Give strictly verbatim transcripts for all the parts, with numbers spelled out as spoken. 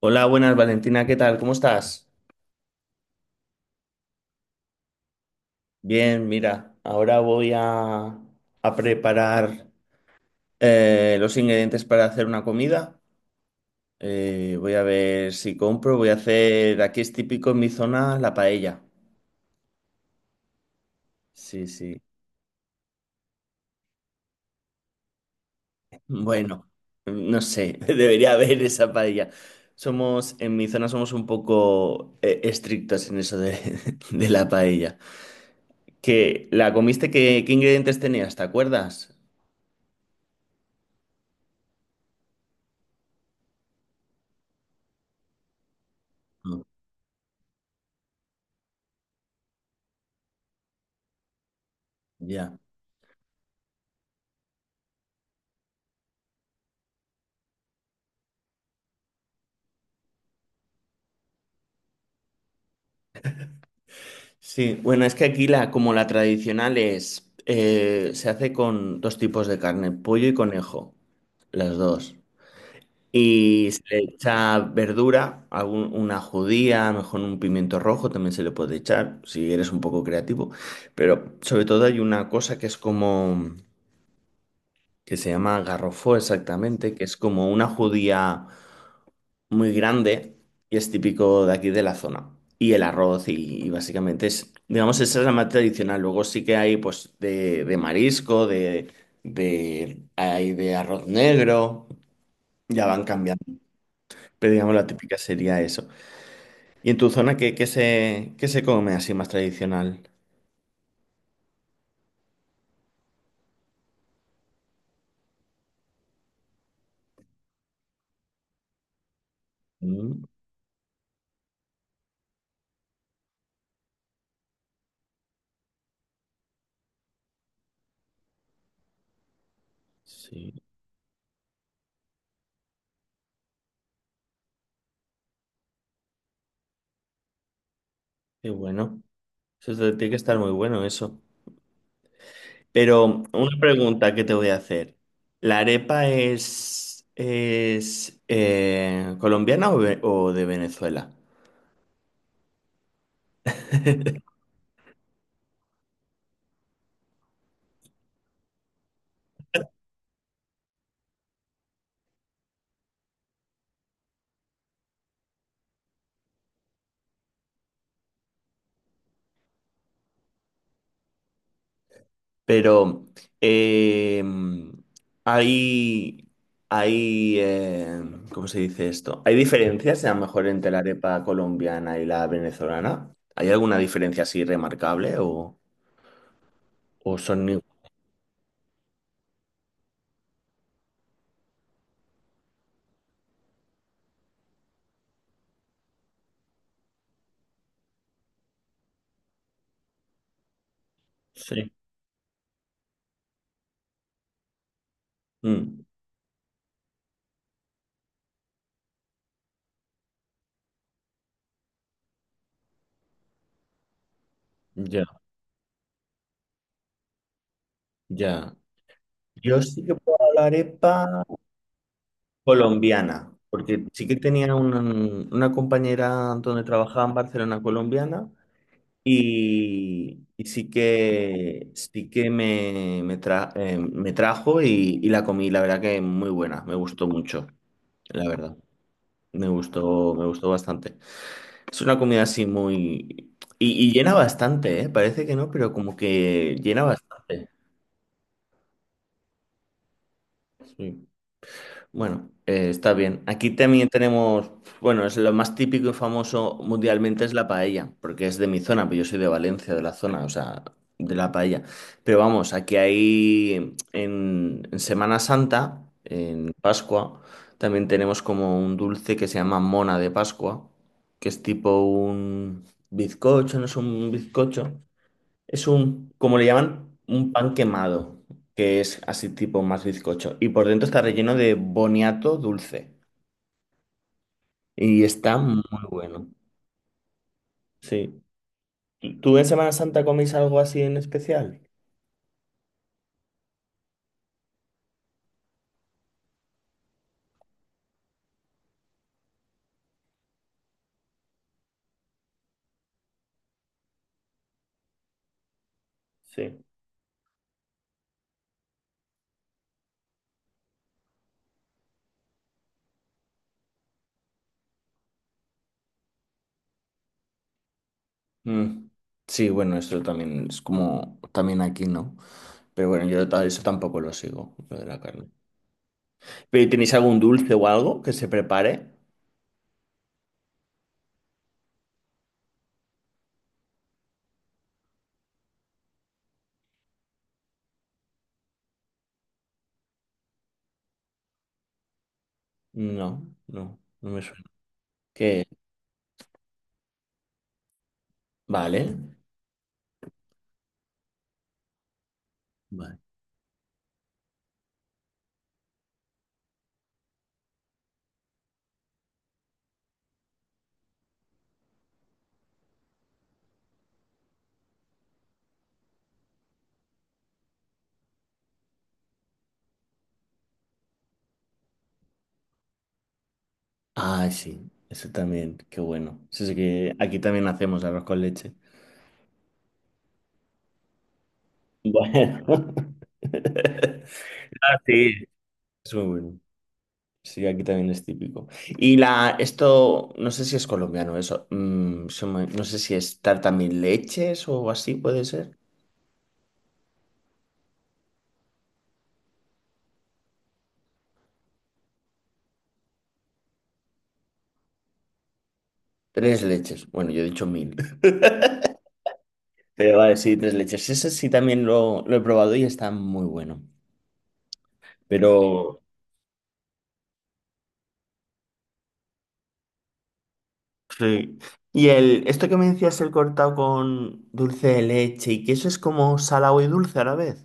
Hola, buenas Valentina, ¿qué tal? ¿Cómo estás? Bien, mira, ahora voy a, a preparar eh, los ingredientes para hacer una comida. Eh, voy a ver si compro, voy a hacer, aquí es típico en mi zona, la paella. Sí, sí. Bueno, no sé, debería haber esa paella. Somos, en mi zona somos un poco eh, estrictos en eso de, de la paella. ¿Que la comiste? ¿Qué, qué ingredientes tenías? ¿Te acuerdas? No. Ya. Sí, bueno, es que aquí la, como la tradicional es, eh, se hace con dos tipos de carne, pollo y conejo, las dos. Y se le echa verdura, algún- una judía, a lo mejor un pimiento rojo también se le puede echar, si eres un poco creativo. Pero sobre todo hay una cosa que es como, que se llama garrofó exactamente, que es como una judía muy grande y es típico de aquí de la zona. Y el arroz y, y básicamente es, digamos, esa es la más tradicional. Luego sí que hay pues de, de marisco, de, de, hay de arroz negro, ya van cambiando. Pero digamos la típica sería eso. ¿Y en tu zona qué, qué se, qué se come así más tradicional? Mm, sí, qué bueno. Eso te- tiene que estar muy bueno eso. Pero una pregunta que te voy a hacer. ¿La arepa es, es eh, colombiana o, ve- o de Venezuela? Pero eh, hay, hay eh, ¿cómo se dice esto? ¿Hay diferencias a lo mejor entre la arepa colombiana y la venezolana? ¿Hay alguna diferencia así remarcable o, o son iguales? Sí. Mm, ya, ya. Yo sí que puedo la arepa colombiana, porque sí que tenía una, una compañera donde trabajaba en Barcelona colombiana y, y sí que, sí que me, me, tra- eh, me trajo y, y la comí, la verdad que muy buena, me gustó mucho, la verdad, me gustó, me gustó bastante. Es una comida así muy... Y, y llena bastante, ¿eh? Parece que no, pero como que llena bastante. Sí. Bueno, eh, está bien. Aquí también tenemos, bueno, es lo más típico y famoso mundialmente es la paella, porque es de mi zona, pero yo soy de Valencia, de la zona, o sea, de la paella. Pero vamos, aquí hay en, en Semana Santa, en Pascua, también tenemos como un dulce que se llama mona de Pascua, que es tipo un bizcocho, no es un bizcocho, es un, como le llaman, un pan quemado, que es así tipo más bizcocho. Y por dentro está relleno de boniato dulce. Y está muy bueno. Sí. ¿Tú tú en Semana Santa comís algo así en especial? Sí. Mm. Sí, bueno, esto también es como también aquí, ¿no? Pero bueno, yo ta- eso tampoco lo sigo, lo de la carne. ¿Pero y tenéis algún dulce o algo que se prepare? No, no, no me suena. ¿Qué? Vale. Vale. Ah, sí, eso también, qué bueno. Eso sí que aquí también hacemos arroz con leche. Bueno. Sí. Es muy bueno. Sí, aquí también es típico. Y la, esto, no sé si es colombiano, eso. mm, se me- no sé si es tarta mil leches o así, puede ser. Tres leches. Bueno, yo he dicho mil. Pero vale, sí, tres leches. Ese sí también lo, lo he probado y está muy bueno. Pero sí. Y el, esto que me decías, el cortado con dulce de leche y que eso es como salado y dulce a la vez.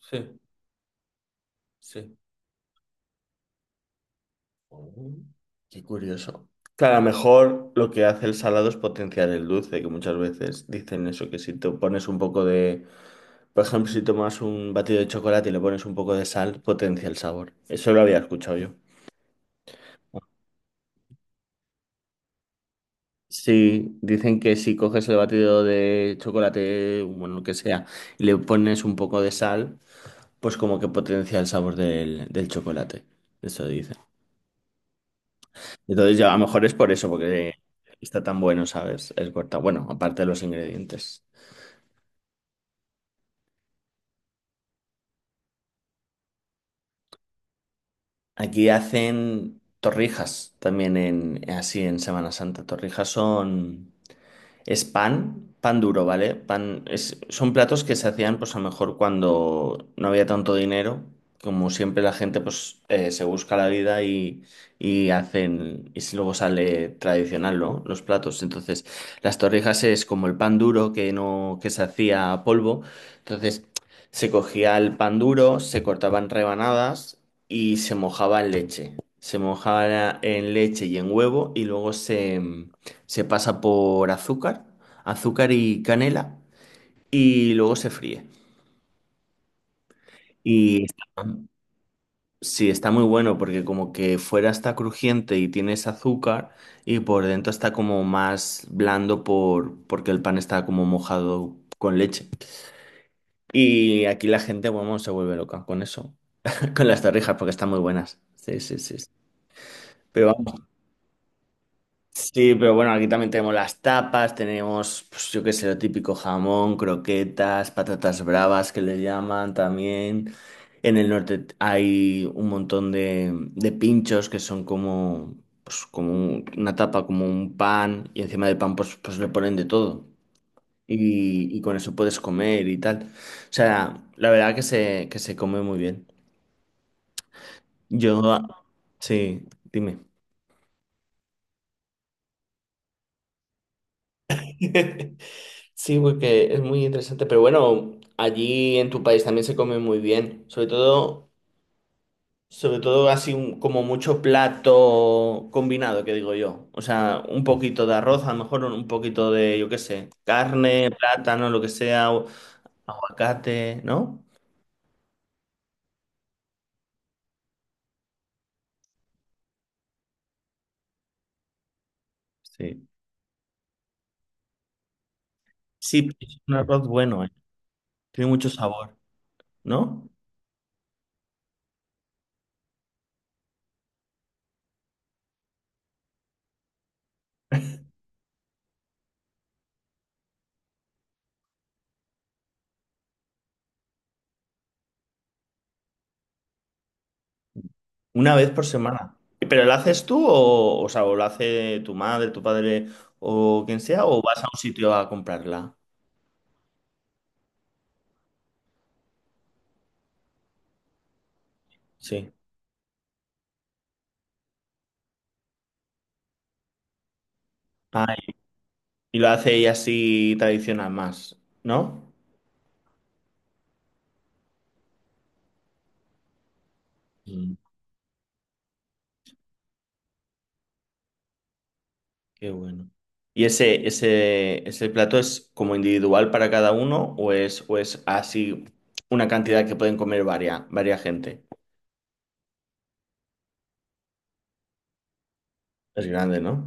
Sí, sí. Oh, qué curioso. Claro, a lo mejor lo que hace el salado es potenciar el dulce, que muchas veces dicen eso, que si te pones un poco de, por ejemplo, si tomas un batido de chocolate y le pones un poco de sal, potencia el sabor. Eso lo había escuchado yo. Sí, dicen que si coges el batido de chocolate, bueno, lo que sea, y le pones un poco de sal, pues como que potencia el sabor del, del chocolate. Eso dice. Entonces ya a lo mejor es por eso, porque está tan bueno, ¿sabes? El corta. Bueno, aparte de los ingredientes. Aquí hacen torrijas también en así en Semana Santa. Torrijas son. Es pan, pan duro, ¿vale? Pan, es, son platos que se hacían, pues a lo mejor cuando no había tanto dinero. Como siempre la gente, pues eh, se busca la vida y, y hacen, y si luego sale tradicional, ¿no? Los platos. Entonces, las torrijas es como el pan duro que no, que se hacía a polvo. Entonces, se cogía el pan duro, se cortaban rebanadas y se mojaba en leche. Se mojaba en leche y en huevo y luego se se pasa por azúcar, azúcar y canela y luego se fríe. Y está- sí, está muy bueno porque como que fuera está crujiente y tienes azúcar y por dentro está como más blando por, porque el pan está como mojado con leche. Y aquí la gente, bueno, se vuelve loca con eso, con las torrijas porque están muy buenas. Sí, sí, sí. Sí. Pero vamos. Sí, pero bueno, aquí también tenemos las tapas, tenemos, pues, yo qué sé, lo típico jamón, croquetas, patatas bravas que les llaman también. En el norte hay un montón de, de pinchos que son como, pues, como un- una tapa, como un pan, y encima del pan pues, pues le ponen de todo. Y, y con eso puedes comer y tal. O sea, la verdad que se, que se come muy bien. Yo, sí, dime. Sí, porque es muy interesante, pero bueno, allí en tu país también se come muy bien, sobre todo, sobre todo así un- como mucho plato combinado, que digo yo, o sea, un poquito de arroz, a lo mejor un poquito de, yo qué sé, carne, plátano, lo que sea, o aguacate, ¿no? Sí. Sí, es un arroz bueno, ¿eh? Tiene mucho sabor, ¿no? Una vez por semana. ¿Pero lo haces tú o, o sea, o lo hace tu madre, tu padre o quien sea, o vas a un sitio a comprarla? Sí. Ah, y lo hace ella así tradicional más, ¿no? Mm, qué bueno. ¿Y ese, ese, ese plato es como individual para cada uno o es, o es así una cantidad que pueden comer varia, varia gente? Es grande, ¿no?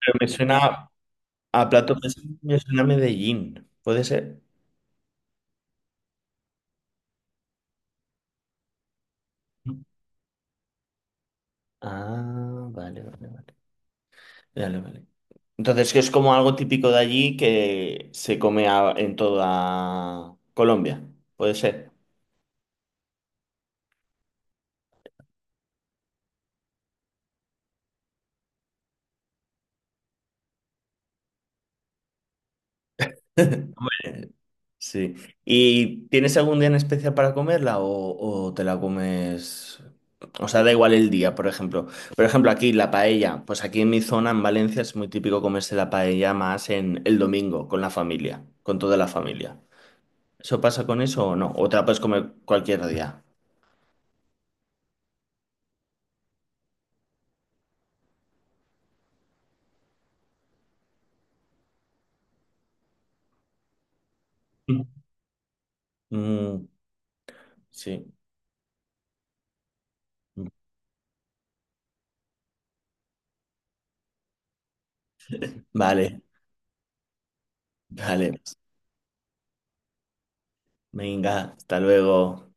Pero me suena a plato, me suena a Medellín, ¿puede ser? Ah, vale, vale, vale. Vale, vale. Entonces, que es como algo típico de allí que se come a- en toda Colombia, ¿puede ser? Sí. ¿Y tienes algún día en especial para comerla o, o te la comes? O sea, da igual el día, por ejemplo. Por ejemplo, aquí la paella. Pues aquí en mi zona, en Valencia, es muy típico comerse la paella más en el domingo, con la familia, con toda la familia. ¿Eso pasa con eso o no? ¿O te la puedes comer cualquier día? Mm, sí. Vale, vale. Venga, hasta luego.